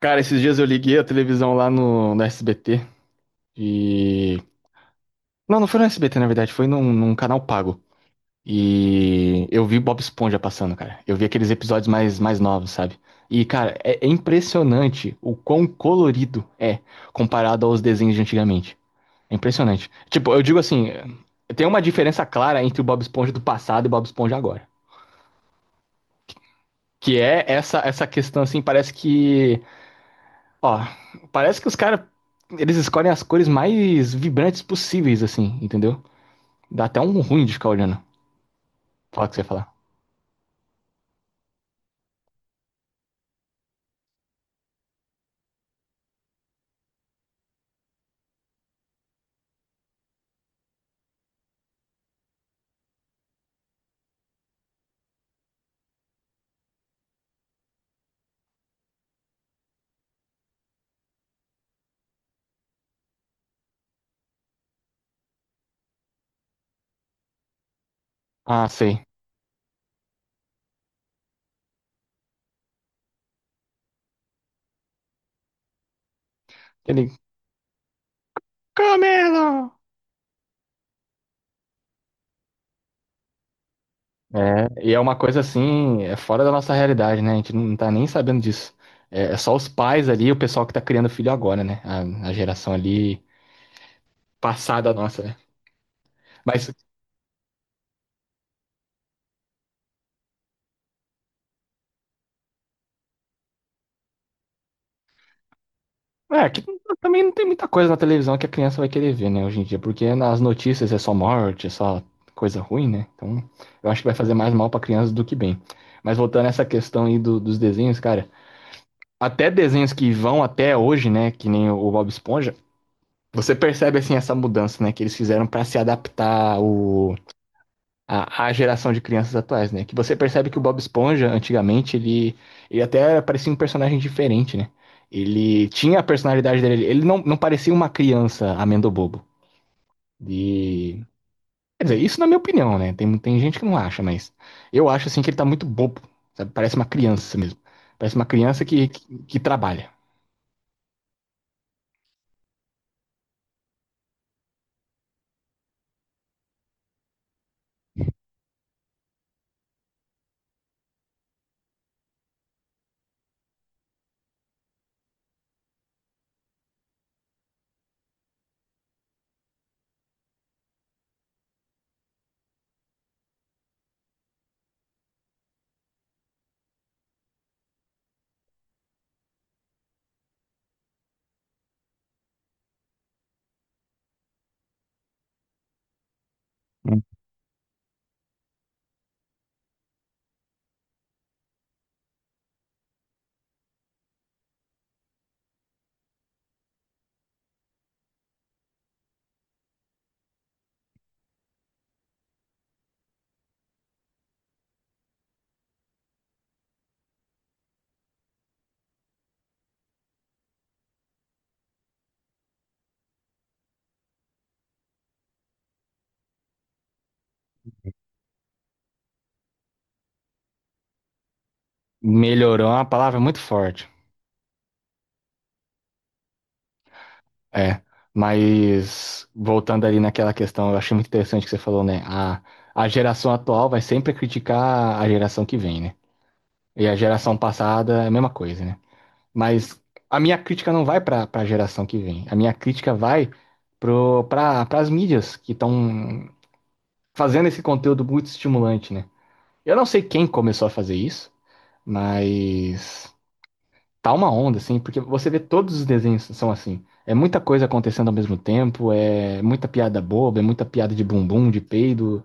Cara, esses dias eu liguei a televisão lá no SBT e. Não foi no SBT, na verdade, foi num canal pago. E eu vi Bob Esponja passando, cara. Eu vi aqueles episódios mais novos, sabe? E, cara, é impressionante o quão colorido é comparado aos desenhos de antigamente. É impressionante. Tipo, eu digo assim, tem uma diferença clara entre o Bob Esponja do passado e o Bob Esponja agora. Que é essa questão, assim, parece que Ó, parece que os caras, eles escolhem as cores mais vibrantes possíveis, assim, entendeu? Dá até um ruim de ficar olhando. Fala o que você ia falar. Ah, sei. Ele, Camelo! É, e é uma coisa assim, é fora da nossa realidade, né? A gente não tá nem sabendo disso. É, é só os pais ali, o pessoal que tá criando filho agora, né? A geração ali passada nossa, né? Mas é, que também não tem muita coisa na televisão que a criança vai querer ver, né, hoje em dia, porque nas notícias é só morte, é só coisa ruim, né? Então, eu acho que vai fazer mais mal pra criança do que bem. Mas voltando a essa questão aí dos desenhos, cara, até desenhos que vão até hoje, né, que nem o Bob Esponja, você percebe assim essa mudança, né, que eles fizeram pra se adaptar ao, a geração de crianças atuais, né? Que você percebe que o Bob Esponja, antigamente, ele até parecia um personagem diferente, né? Ele tinha a personalidade dele, ele não parecia uma criança amendo bobo. E, quer dizer, isso na minha opinião, né? Tem gente que não acha, mas eu acho assim que ele tá muito bobo, sabe? Parece uma criança mesmo. Parece uma criança que trabalha. Melhorou é uma palavra muito forte. É, mas voltando ali naquela questão, eu achei muito interessante que você falou, né? A geração atual vai sempre criticar a geração que vem, né? E a geração passada é a mesma coisa, né? Mas a minha crítica não vai para a geração que vem. A minha crítica vai para as mídias que estão fazendo esse conteúdo muito estimulante, né? Eu não sei quem começou a fazer isso, mas tá uma onda, assim, porque você vê todos os desenhos são assim. É muita coisa acontecendo ao mesmo tempo, é muita piada boba, é muita piada de bumbum, de peido,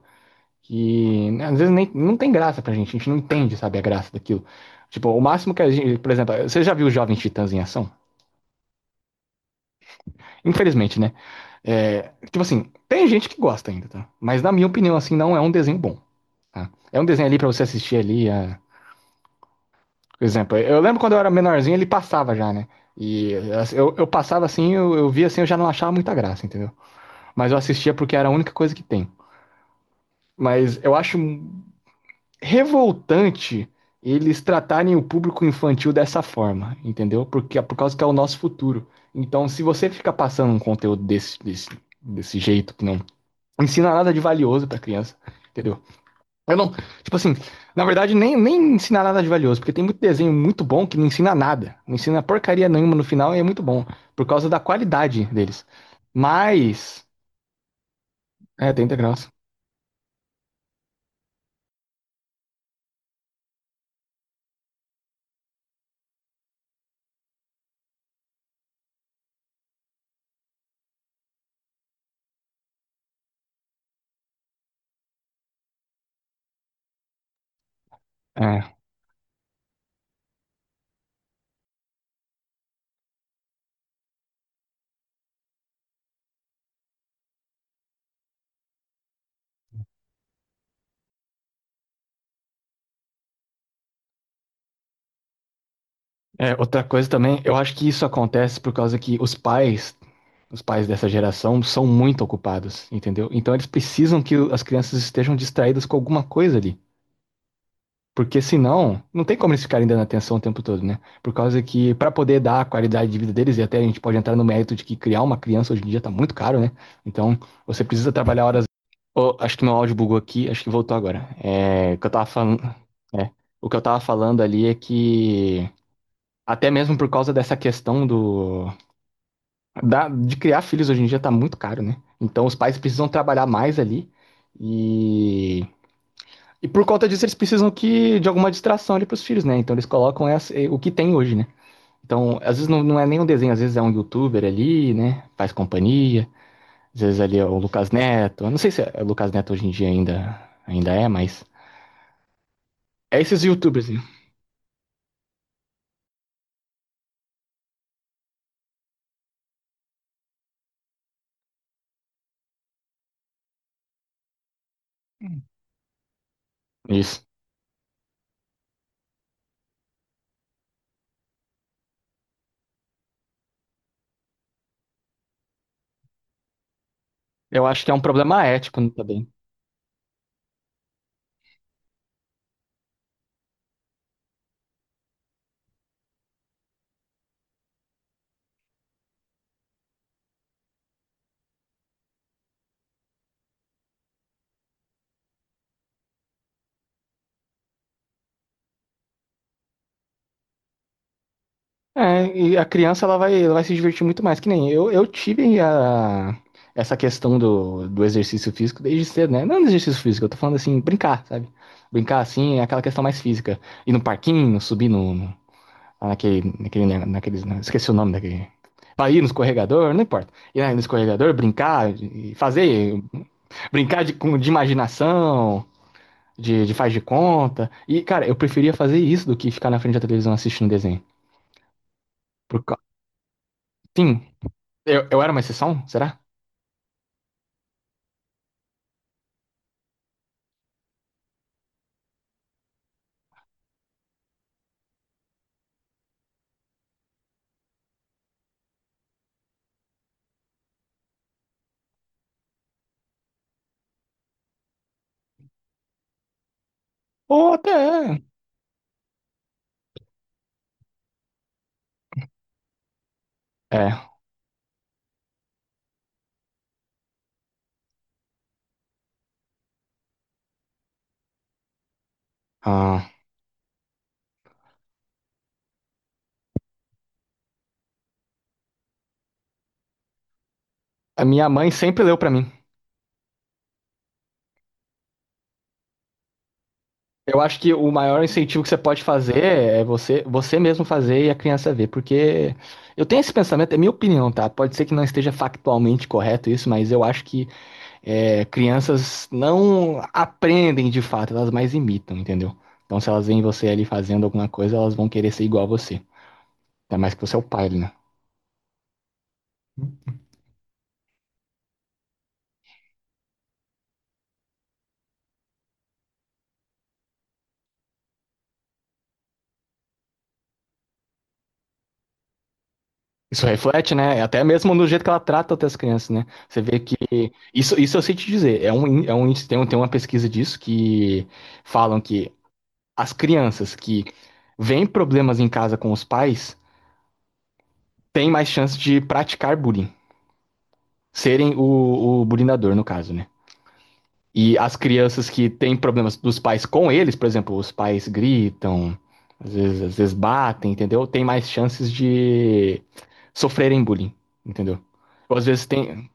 que né, às vezes nem, não tem graça pra gente, a gente não entende, sabe, a graça daquilo. Tipo, o máximo que a gente, por exemplo, você já viu os Jovens Titãs em ação? Infelizmente, né? É, tipo assim, tem gente que gosta ainda, tá? Mas na minha opinião, assim, não é um desenho bom, tá? É um desenho ali pra você assistir ali, a Por exemplo, eu lembro quando eu era menorzinho, ele passava já, né? E assim, eu passava assim, eu via assim, eu já não achava muita graça, entendeu? Mas eu assistia porque era a única coisa que tem. Mas eu acho revoltante eles tratarem o público infantil dessa forma, entendeu? Porque por causa que é o nosso futuro. Então, se você fica passando um conteúdo desse jeito que não ensina nada de valioso pra criança, entendeu? Eu não, tipo assim, na verdade nem ensinar nada de valioso, porque tem muito desenho muito bom que não ensina nada, não ensina porcaria nenhuma no final e é muito bom, por causa da qualidade deles. Mas, é, 30 graus. É. É, outra coisa também, eu acho que isso acontece por causa que os pais dessa geração são muito ocupados, entendeu? Então eles precisam que as crianças estejam distraídas com alguma coisa ali. Porque senão, não tem como eles ficarem dando atenção o tempo todo, né? Por causa que, para poder dar a qualidade de vida deles, e até a gente pode entrar no mérito de que criar uma criança hoje em dia tá muito caro, né? Então, você precisa trabalhar horas. Ô, acho que meu áudio bugou aqui, acho que voltou agora. É, o que eu tava falando ali é que até mesmo por causa dessa questão de criar filhos hoje em dia tá muito caro, né? Então os pais precisam trabalhar mais ali e e por conta disso, eles precisam que de alguma distração ali pros filhos, né? Então eles colocam o que tem hoje, né? Então, às vezes não é nem um desenho, às vezes é um youtuber ali, né? Faz companhia. Às vezes ali é o Lucas Neto. Eu não sei se é o Lucas Neto hoje em dia ainda, ainda é, mas. É esses youtubers, né? Isso. Eu acho que é um problema ético né, também. É, e a criança ela vai se divertir muito mais, que nem eu, eu tive a, essa questão do exercício físico desde cedo, né? Não do exercício físico, eu tô falando assim, brincar, sabe? Brincar assim é aquela questão mais física. Ir no parquinho, subir no naqueles, né? Esqueci o nome daquele. Vai ir no escorregador, não importa. Ir no escorregador, brincar, e fazer, brincar de imaginação, de faz de conta. E, cara, eu preferia fazer isso do que ficar na frente da televisão assistindo desenho. Por, cau- sim, eu era uma exceção? Será? Ou até é. É. ah, a minha mãe sempre leu pra mim. Eu acho que o maior incentivo que você pode fazer é você, você mesmo fazer e a criança ver, porque eu tenho esse pensamento, é minha opinião, tá? Pode ser que não esteja factualmente correto isso, mas eu acho que é, crianças não aprendem de fato, elas mais imitam, entendeu? Então, se elas veem você ali fazendo alguma coisa, elas vão querer ser igual a você. Ainda mais que você é o pai, né? Isso reflete, né? Até mesmo no jeito que ela trata outras crianças, né? Você vê que. Isso eu sei te dizer. Tem uma pesquisa disso que falam que as crianças que veem problemas em casa com os pais têm mais chance de praticar bullying. Serem o bullyingador no caso, né? E as crianças que têm problemas dos pais com eles, por exemplo, os pais gritam, às vezes batem, entendeu? Tem mais chances de sofrerem bullying, entendeu? Ou às vezes tem.